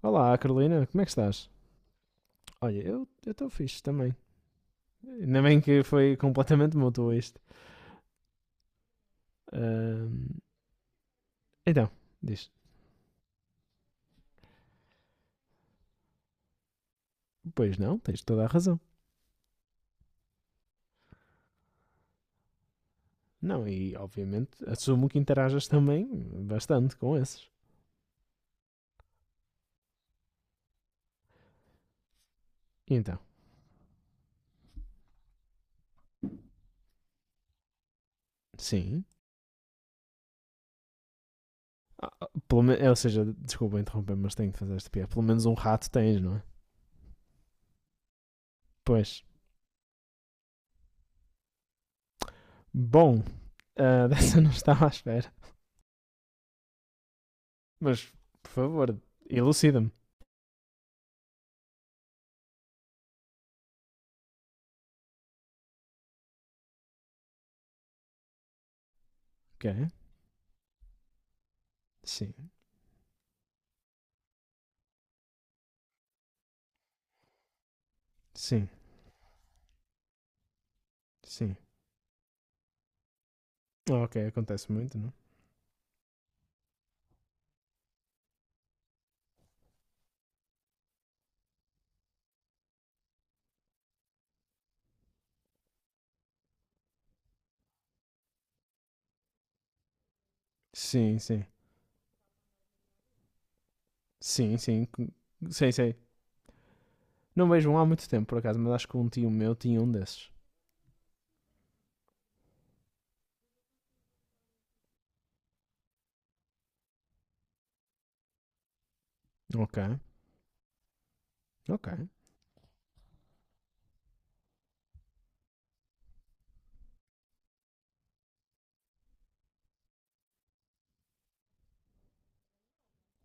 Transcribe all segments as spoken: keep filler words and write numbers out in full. Olá, Carolina, como é que estás? Olha, eu estou fixe também. Ainda bem que foi completamente mútuo isto. Ahm, então, diz: pois não, tens toda a razão. Não, e obviamente assumo que interajas também bastante com esses. E então? Sim. Pelo men- ou seja, desculpa interromper, mas tenho que fazer este piada. Pelo menos um rato tens, não é? Pois. Bom, ah, dessa não estava à espera. Mas, por favor, elucida-me. Ok? Sim. Sim. Sim. Ok, acontece muito, não? é? Sim, sim. Sim, sim. c- Sei, sei. Não vejo um há muito tempo, por acaso, mas acho que um tio meu tinha um desses. Ok, ok.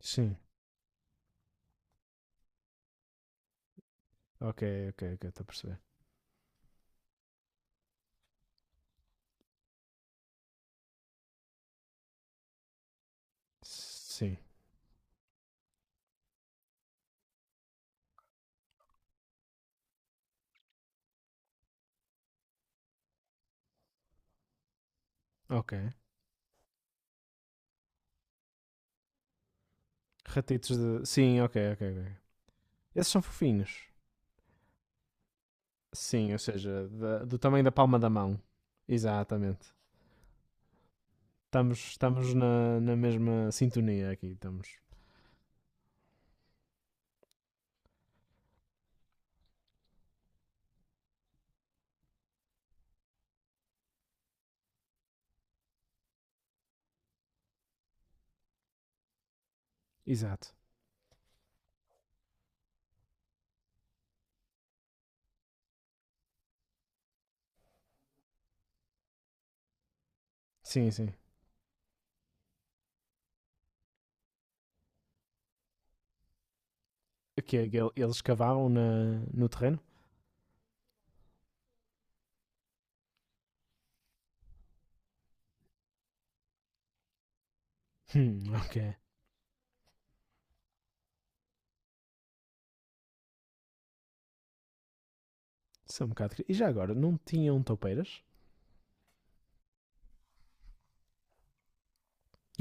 Sim, ok, ok, ok, estou a perceber. Sim, ok. Ratitos de. Sim, ok, ok, ok. Esses são fofinhos. Sim, ou seja, da- do tamanho da palma da mão. Exatamente. Estamos, estamos na, na mesma sintonia aqui, estamos. Exato. Sim, sim. O quê? que ele- Eles cavavam na, no terreno? Hum, ok. São um bocado. cri- E já agora, não tinham toupeiras?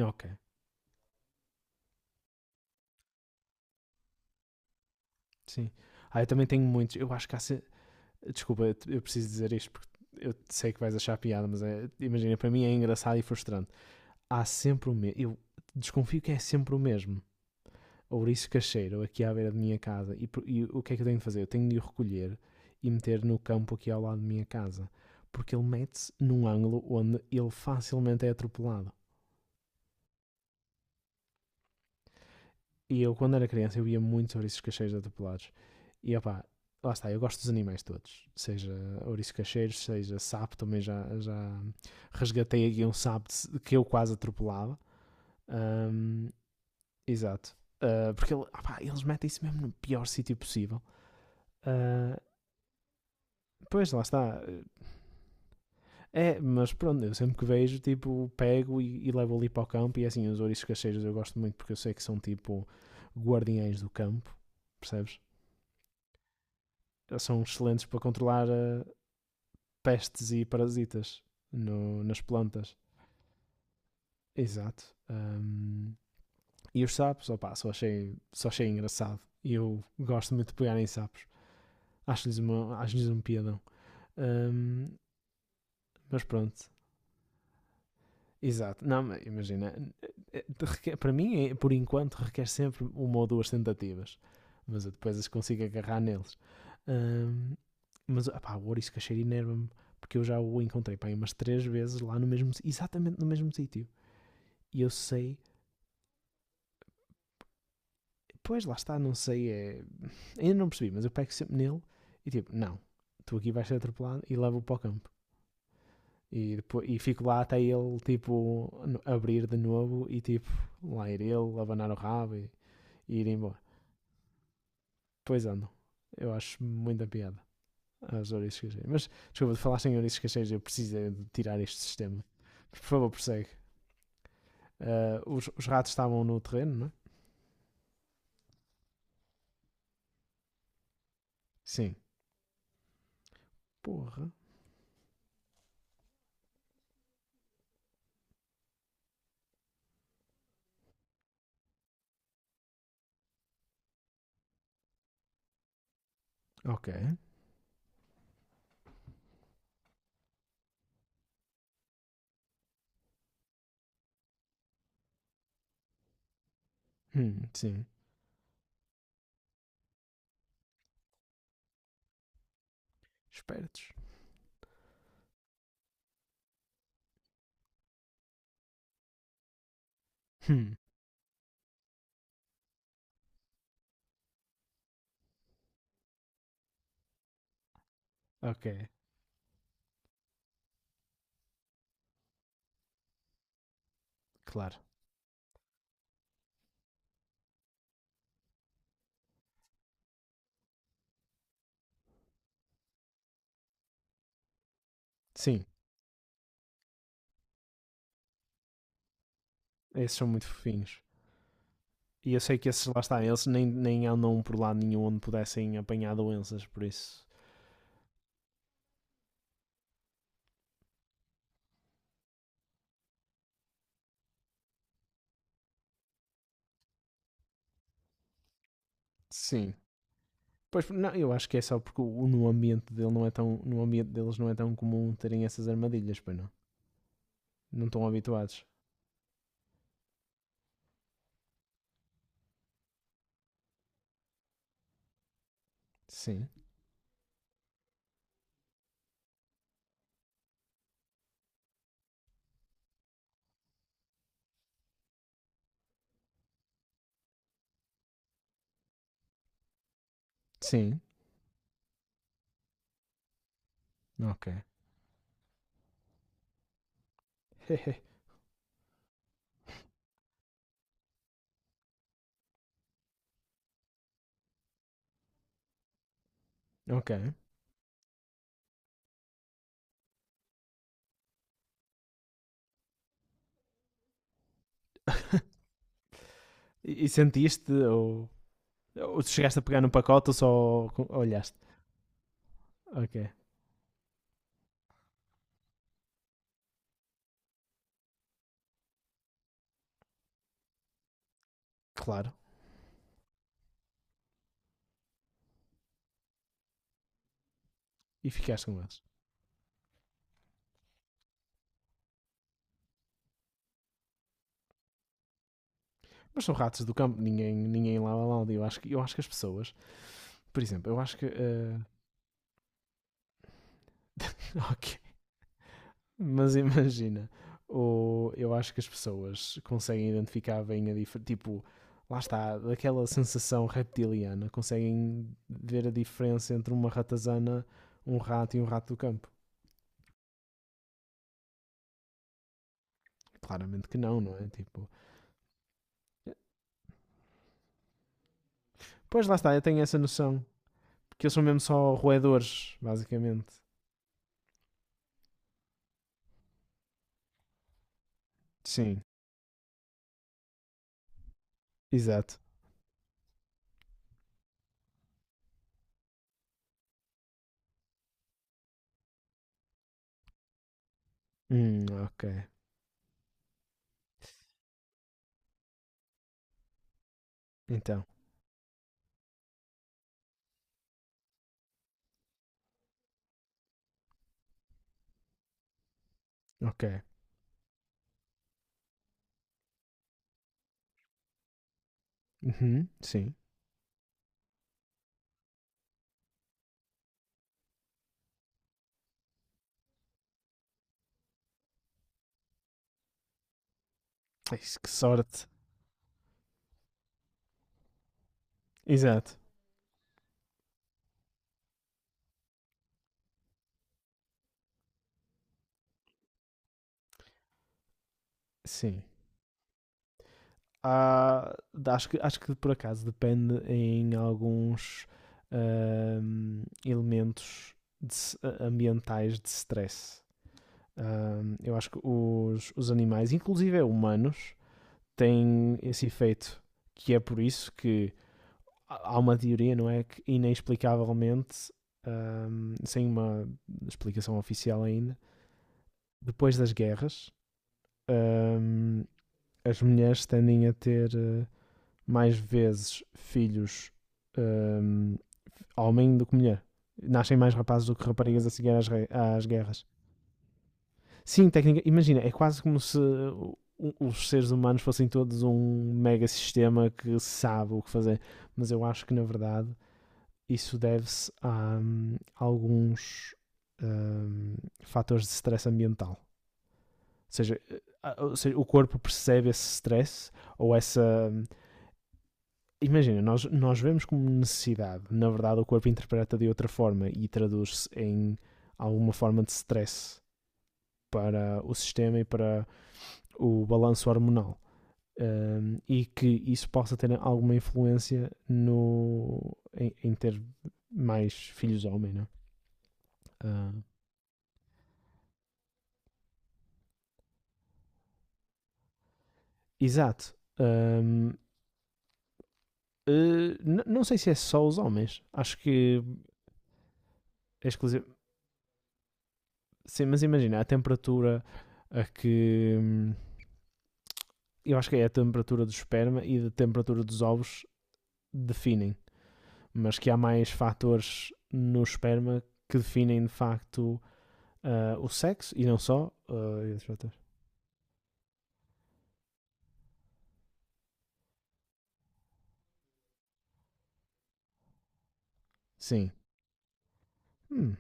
Ok, sim. Ah, eu também tenho muitos. Eu acho que há. se- Desculpa, eu, eu preciso dizer isto porque eu sei que vais achar piada, mas é- imagina, para mim é engraçado e frustrante. Há sempre o mesmo. Eu desconfio que é sempre o mesmo. Ouriço cacheiro aqui à beira de minha casa. E, por- e o que é que eu tenho de fazer? Eu tenho de o recolher e meter no campo aqui ao lado de minha casa. Porque ele mete-se num ângulo onde ele facilmente é atropelado. E eu, quando era criança, eu ia muito sobre esses cacheiros atropelados. E opá, lá está, eu gosto dos animais todos. Seja ouriços cacheiros, seja sapo, também já, já resgatei aqui um sapo de- que eu quase atropelava. Ahm, Exato. Ah, porque ele- opá, eles metem-se mesmo no pior sítio possível. Ah, pois, lá está. É, mas pronto, eu sempre que vejo, tipo, pego e, e levo ali para o campo. E assim, os ouriços cacheiros eu gosto muito porque eu sei que são tipo guardiães do campo, percebes? Eh, são excelentes para controlar eh, pestes e parasitas no- nas plantas. Exato. Ahm, e os sapos, opá, só achei, só achei engraçado. E eu gosto muito de pegar em sapos. Acho-lhes uma- acho-lhes um piadão. Ahm, mas pronto, exato. Não, mas imagina, eh, eh, requer- para mim, eh, por enquanto, requer sempre uma ou duas tentativas. Mas eu depois as consigo agarrar neles. Ahm, mas, opá, o ouriço cacheiro enerva-me, porque eu já o encontrei, pá, aí umas três vezes lá no mesmo, si- exatamente no mesmo sítio. E eu sei, pois lá está, não sei, é, ainda não percebi, mas eu pego sempre nele e tipo, não, tu aqui vais ser atropelado e levo-o para o campo. E, depois, e fico lá até ele, tipo, no- abrir de novo e tipo, lá ir ele, abanar o rabo e e ir embora. Pois andam. Eu acho muita piada às ouriças cacheiras. Mas, desculpa, de falar sem ouriças cacheiras, eu preciso de tirar este sistema. Por favor, prossegue. Ah, os, os ratos estavam no terreno, não é? Sim. Porra. Ok. Hum, sim. Espertos. Hum, ok. Claro. Sim. Esses são muito fofinhos. E eu sei que esses lá está, eles nem, nem andam por lado nenhum onde pudessem apanhar doenças, por isso. Sim. Pois, não, eu acho que é só porque o, no ambiente dele não é tão, no ambiente deles não é tão comum terem essas armadilhas, pois não? Não estão habituados. Sim. Sim. Ok. ok. e, e sentiste ou, ou chegaste a pegar no pacote ou só olhaste? Ok. Claro. E ficaste com eles. Mas são ratos do campo, ninguém, ninguém lá lá, lá. Eu acho, que, eu acho que as pessoas, por exemplo, eu acho que. eh, ok. Mas imagina, o, eu acho que as pessoas conseguem identificar bem a diferença. Tipo, lá está, daquela sensação reptiliana, conseguem ver a diferença entre uma ratazana, um rato e um rato do campo. Claramente que não, não é? Tipo, pois lá está, eu tenho essa noção. Porque eles são mesmo só roedores, basicamente. Sim, exato. Hum, ok. Então, ok. Uhum, sim. Ai, que sorte. Exato. Sim. Há, acho, que, acho que por acaso depende em alguns hum, elementos de- ambientais de stress. Hum, eu acho que os, os animais, inclusive humanos, têm esse efeito, que é por isso que há uma teoria, não é? Que inexplicavelmente, hum, sem uma explicação oficial ainda, depois das guerras, hum, as mulheres tendem a ter eh, mais vezes filhos hum, homem do que mulher. Nascem mais rapazes do que raparigas a seguir às, às guerras. Sim, técnica. Imagina, é quase como se os seres humanos fossem todos um mega sistema que sabe o que fazer. Mas eu acho que, na verdade, isso deve-se a hum, alguns hum, fatores de stress ambiental. Ou seja, o corpo percebe esse stress ou essa hum, imagina, nós, nós vemos como necessidade, na verdade o corpo interpreta de outra forma e traduz-se em alguma forma de stress para o sistema e para o balanço hormonal. Um, e que isso possa ter alguma influência no, em, em ter mais filhos homem, não é? Uh, Exato. Um, uh, não sei se é só os homens, acho que é exclusivo. Sim, mas imagina a temperatura a que, hum, eu acho que é a temperatura do esperma e da temperatura dos ovos definem, mas que há mais fatores no esperma que definem de facto ah, o sexo e não só ah, esses fatores. Sim. Hum,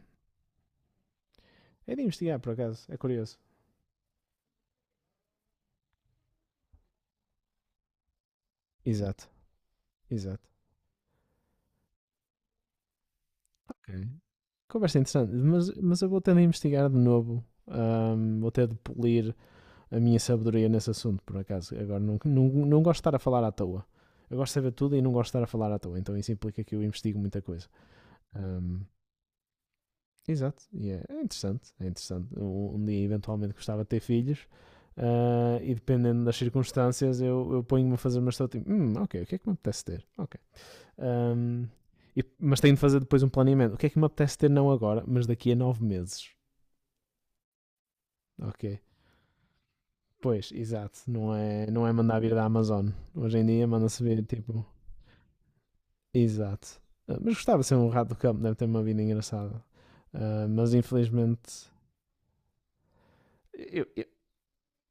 É de investigar, por acaso. É curioso. Exato, exato. Ok. Conversa interessante, mas, mas eu vou tendo a investigar de novo. Ahm, vou ter de polir a minha sabedoria nesse assunto, por acaso. Agora, não, não, não gosto de estar a falar à toa. Eu gosto de saber tudo e não gosto de estar a falar à toa, então isso implica que eu investigo muita coisa. Ahm, Exato, e é é interessante, é interessante. Um, um dia eventualmente gostava de ter filhos ah, e dependendo das circunstâncias eu, eu ponho-me a fazer uma estratégia. Tipo, hum, ok, o que é que me apetece ter? Ok. Ahm, e- mas tenho de fazer depois um planeamento. O que é que me apetece ter não agora, mas daqui a nove meses? Ok. Pois, exato. Não é, não é mandar vir da Amazon. Hoje em dia manda-se vir tipo. Exato. Ah, mas gostava de ser um rato do campo, deve ter uma vida engraçada. Ah, mas infelizmente. eu- eu-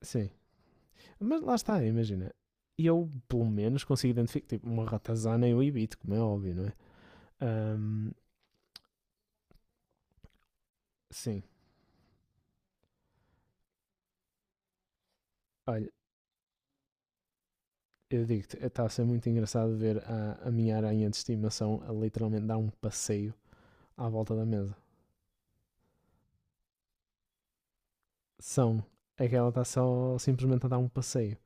sim. Mas lá está, imagina. Eu, pelo menos, consigo identificar. Tipo, uma ratazana eu evito, como é óbvio, não é? Ahm, sim, olha, eu digo-te, está a ser muito engraçado ver a, a minha aranha de estimação a literalmente dar um passeio à volta da mesa. São. É que ela está só simplesmente a dar um passeio.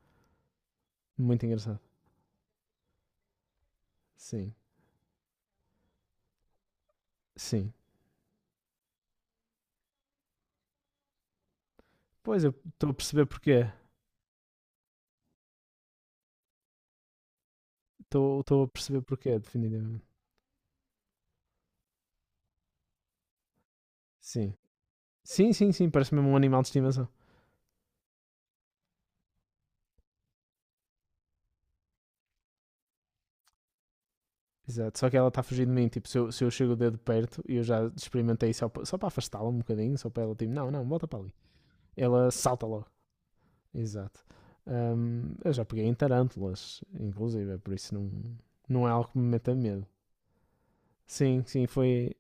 Muito engraçado. Sim, sim. Pois, eu estou a perceber porquê. Estou estou a perceber porquê, definitivamente. Sim. Sim, sim, sim, parece mesmo um animal de estimação. Exato, só que ela está fugindo de mim. Tipo, se eu, se eu chego o dedo perto e eu já experimentei só, pa- só para afastá-la um bocadinho, só para ela, tipo, não, não, volta para ali. Ela salta logo. Exato. Hum, eu já peguei em tarântulas, inclusive, é por isso não, não é algo que me meta medo. Sim, sim, foi,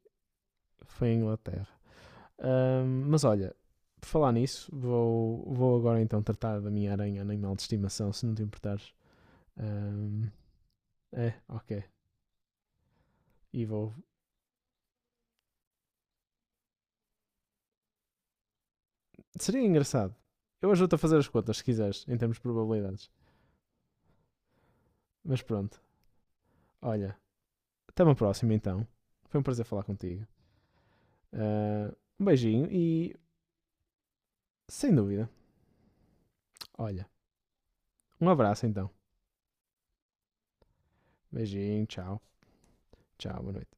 foi em Inglaterra. Hum, mas olha, por falar nisso, vou, vou agora então tratar da minha aranha animal de estimação, se não te importares. Hum, é, ok. E vou, seria engraçado. Eu ajudo a fazer as contas, se quiseres, em termos de probabilidades. Mas pronto, olha. Até uma próxima, então. Foi um prazer falar contigo. Ah, um beijinho e, sem dúvida, olha. Um abraço, então. Beijinho, tchau. Tchau, boa noite.